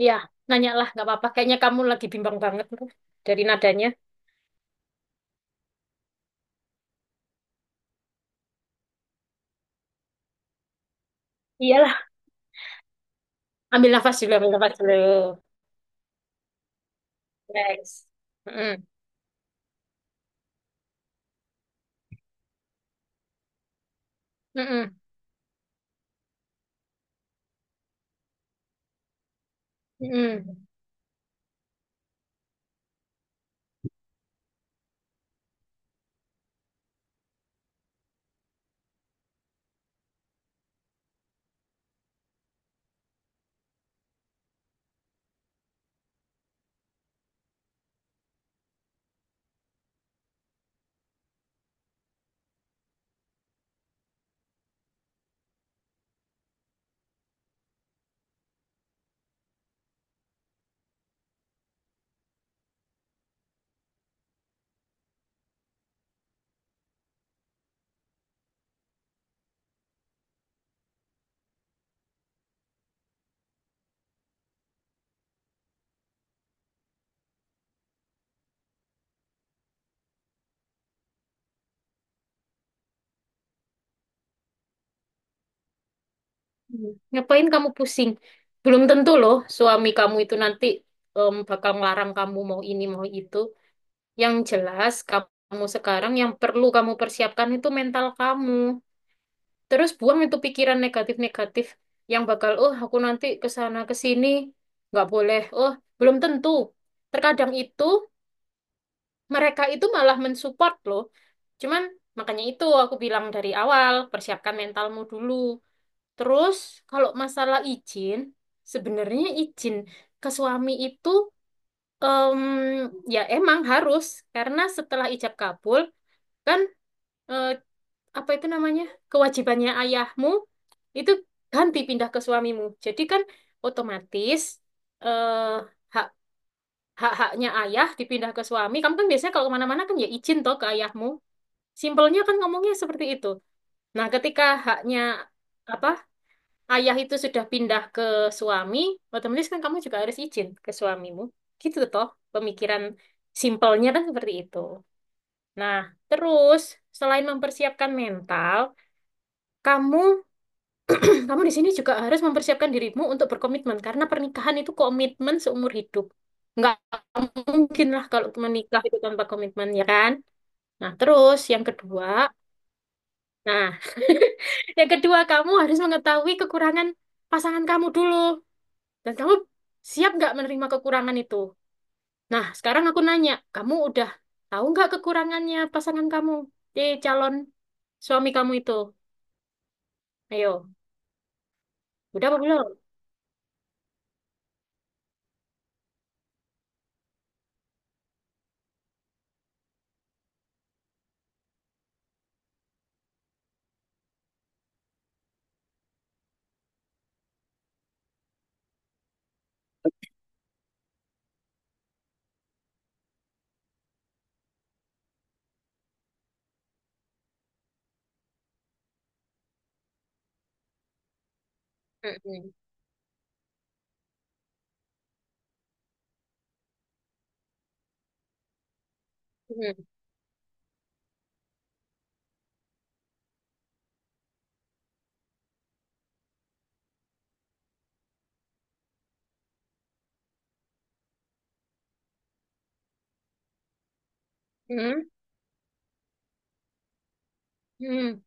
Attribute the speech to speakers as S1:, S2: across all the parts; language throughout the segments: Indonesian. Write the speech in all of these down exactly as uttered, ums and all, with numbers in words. S1: Iya, nanya lah, nggak apa-apa. Kayaknya kamu lagi bimbang banget tuh dari nadanya. Iyalah. Ambil nafas dulu, ambil nafas dulu. Guys. Mm-mm. Mm-mm. Mm-mm. Mm. Ngapain kamu pusing? Belum tentu loh suami kamu itu nanti em, bakal ngelarang kamu mau ini, mau itu. Yang jelas kamu sekarang yang perlu kamu persiapkan itu mental kamu. Terus buang itu pikiran negatif-negatif yang bakal, oh aku nanti ke sana ke sini nggak boleh. Oh, belum tentu. Terkadang itu mereka itu malah mensupport loh. Cuman makanya itu aku bilang dari awal, persiapkan mentalmu dulu. Terus kalau masalah izin, sebenarnya izin ke suami itu em, ya emang harus karena setelah ijab kabul kan eh, apa itu namanya? Kewajibannya ayahmu itu ganti pindah ke suamimu. Jadi kan otomatis eh hak hak-haknya ayah dipindah ke suami. Kamu kan biasanya kalau kemana-mana kan ya izin toh ke ayahmu. Simpelnya kan ngomongnya seperti itu. Nah, ketika haknya apa ayah itu sudah pindah ke suami, otomatis kan kamu juga harus izin ke suamimu. Gitu toh, pemikiran simpelnya kan seperti itu. Nah, terus selain mempersiapkan mental, kamu kamu di sini juga harus mempersiapkan dirimu untuk berkomitmen karena pernikahan itu komitmen seumur hidup. Nggak mungkin lah kalau menikah itu tanpa komitmen ya kan? Nah, terus yang kedua Nah, yang kedua kamu harus mengetahui kekurangan pasangan kamu dulu. Dan kamu siap nggak menerima kekurangan itu? Nah, sekarang aku nanya, kamu udah tahu nggak kekurangannya pasangan kamu di calon suami kamu itu? Ayo, udah apa belum? Mm-mm. Mm-mm. Mm-mm. Mm-mm.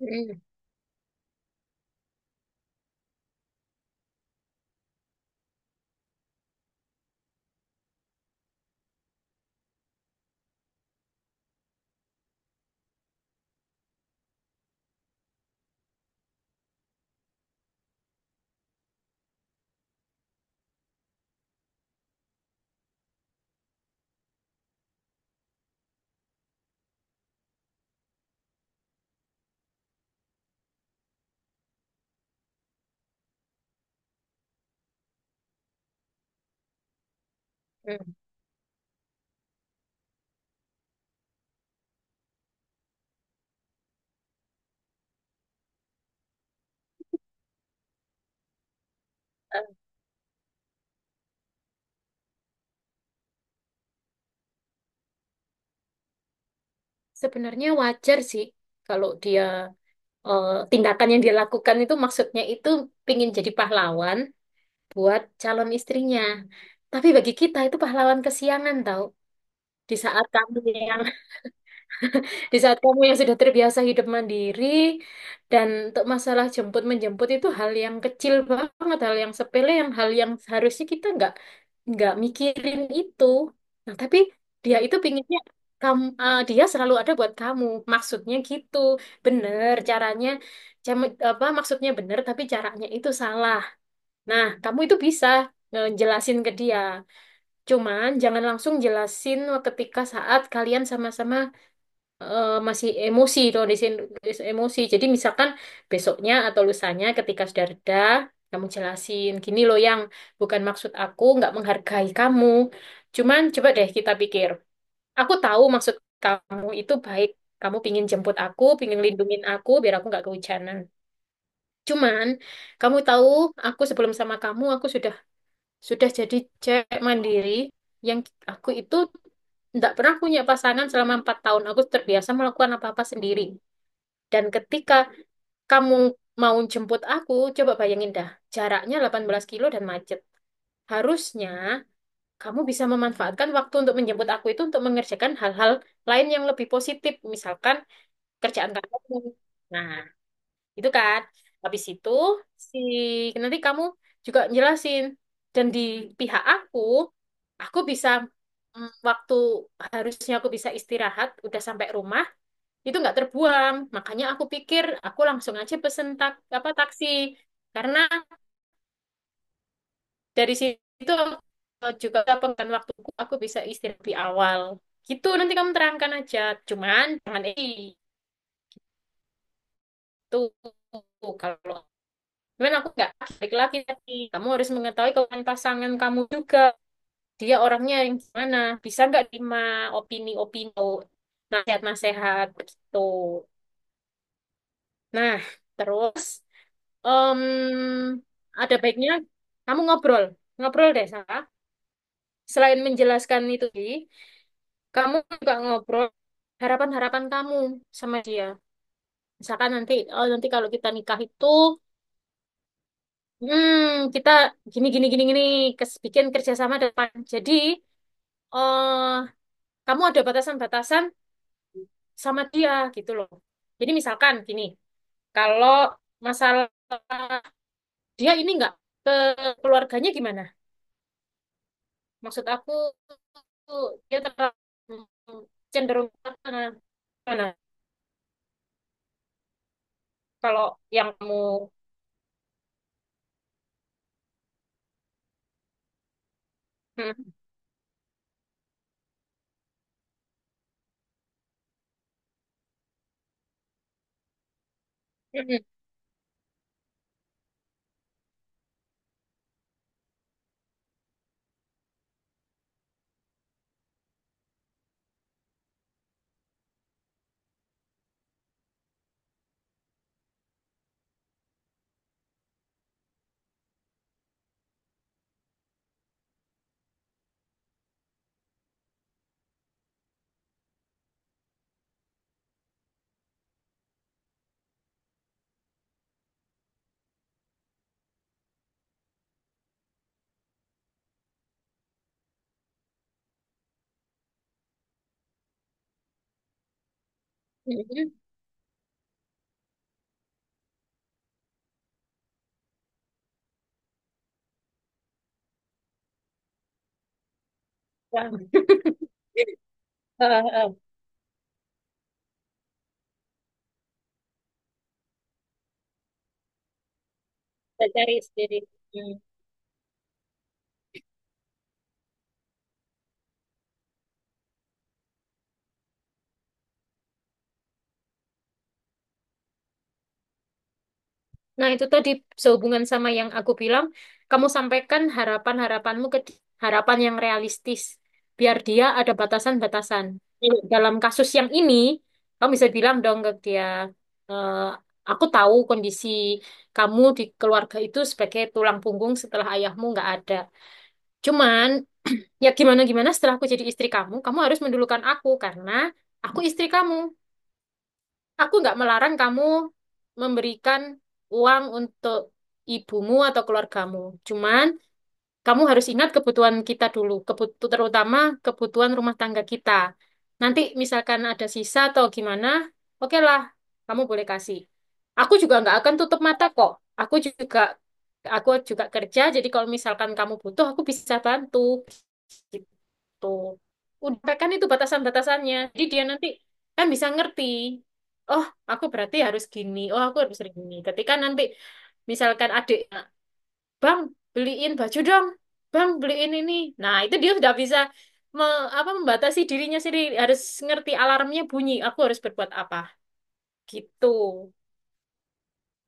S1: Mm-mm. Mm. Eh, Sebenarnya wajar sih kalau dia, eh, tindakan yang dia lakukan itu maksudnya itu pingin jadi pahlawan, buat calon istrinya. Tapi bagi kita itu pahlawan kesiangan tahu. Di saat kamu yang di saat kamu yang sudah terbiasa hidup mandiri dan untuk masalah jemput menjemput itu hal yang kecil banget, hal yang sepele, yang hal yang seharusnya kita nggak nggak mikirin itu. Nah, tapi dia itu pinginnya kamu, eh, dia selalu ada buat kamu. Maksudnya gitu. Bener caranya cam- apa maksudnya bener tapi caranya itu salah. Nah, kamu itu bisa ngejelasin ke dia. Cuman jangan langsung jelasin ketika saat kalian sama-sama eh, masih emosi, tuh di sini emosi. Jadi misalkan besoknya atau lusanya ketika sudah reda, kamu jelasin gini loh yang bukan maksud aku nggak menghargai kamu. Cuman coba deh kita pikir. Aku tahu maksud kamu itu baik. Kamu pingin jemput aku, pingin lindungin aku biar aku nggak kehujanan. Cuman kamu tahu, aku sebelum sama kamu, aku sudah sudah jadi cewek mandiri yang aku itu tidak pernah punya pasangan selama empat tahun. Aku terbiasa melakukan apa-apa sendiri. Dan ketika kamu mau jemput aku, coba bayangin dah, jaraknya delapan belas kilo dan macet. Harusnya kamu bisa memanfaatkan waktu untuk menjemput aku itu untuk mengerjakan hal-hal lain yang lebih positif, misalkan kerjaan kamu. Nah, itu kan. Habis itu si nanti kamu juga jelasin. Dan di pihak aku, aku bisa, mm, waktu harusnya aku bisa istirahat, udah sampai rumah, itu nggak terbuang. Makanya aku pikir aku langsung aja pesen tak, apa taksi. Karena dari situ aku juga pengen waktuku, aku bisa istirahat di awal. Gitu nanti kamu terangkan aja. Cuman jangan, eh, itu kalau Cuman aku nggak laki-laki tapi kamu harus mengetahui kekuatan pasangan kamu juga. Dia orangnya yang gimana? Bisa nggak terima opini-opini, nasihat-nasihat gitu. Nah, terus em, ada baiknya kamu ngobrol, ngobrol deh Sarah. Selain menjelaskan itu tadi, kamu juga ngobrol harapan-harapan kamu sama dia. Misalkan nanti, oh nanti kalau kita nikah itu hmm, kita gini gini gini gini kes- bikin kerjasama depan. Jadi eh kamu ada batasan-batasan sama dia gitu loh. Jadi misalkan gini, kalau masalah dia ini nggak ke keluarganya gimana? Maksud aku dia terlalu cenderung mana? Kalau yang kamu hmm. Ya. Eh, eh, eh, saya cari sendiri. Hmm. Nah, itu tadi sehubungan sama yang aku bilang, kamu sampaikan harapan-harapanmu ke di- harapan yang realistis, biar dia ada batasan-batasan. Hmm. Dalam kasus yang ini, kamu bisa bilang dong ke dia, "Eh, aku tahu kondisi kamu di keluarga itu sebagai tulang punggung setelah ayahmu nggak ada. Cuman, ya gimana-gimana setelah aku jadi istri kamu, kamu harus mendulukan aku karena aku istri kamu. Aku nggak melarang kamu memberikan uang untuk ibumu atau keluargamu. Cuman kamu harus ingat kebutuhan kita dulu, kebutu terutama kebutuhan rumah tangga kita. Nanti misalkan ada sisa atau gimana, oke lah, kamu boleh kasih. Aku juga nggak akan tutup mata kok. Aku juga aku juga kerja, jadi kalau misalkan kamu butuh, aku bisa bantu." Tuh. Udah kan itu batasan-batasannya. Jadi dia nanti kan bisa ngerti. Oh, aku berarti harus gini. Oh, aku harus gini. Ketika nanti misalkan adik, "Bang, beliin baju dong. Bang, beliin ini." Nah, itu dia sudah bisa me- apa membatasi dirinya sendiri. Harus ngerti alarmnya bunyi. Aku harus berbuat apa. Gitu.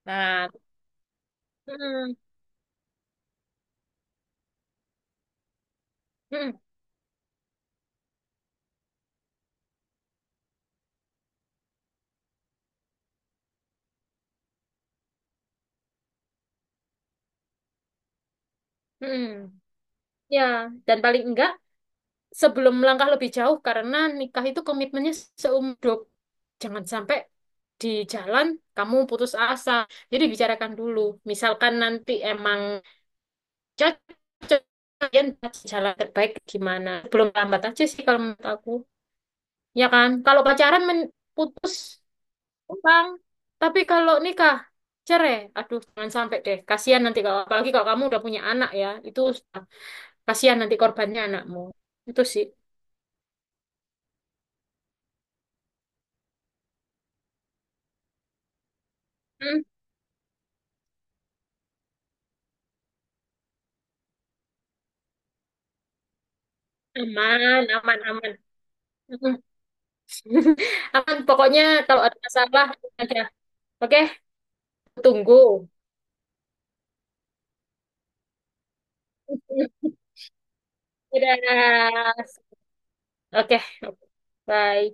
S1: Nah, mm, mm, mm. Ya, dan paling enggak sebelum melangkah lebih jauh karena nikah itu komitmennya seumur hidup. Jangan sampai di jalan kamu putus asa. Jadi bicarakan dulu. Misalkan nanti emang cocok kalian jalan terbaik gimana. Belum lambat aja sih kalau menurut aku. Ya kan? Kalau pacaran men- putus utang. Tapi kalau nikah cerai, aduh jangan sampai deh. Kasihan nanti kalau apalagi kalau kamu udah punya anak ya, itu kasihan nanti korbannya anakmu. Itu sih. Hmm. Aman, aman, aman. Mm. Aman, pokoknya kalau ada masalah aja. Oke, tunggu. Dadah. Oke, bye.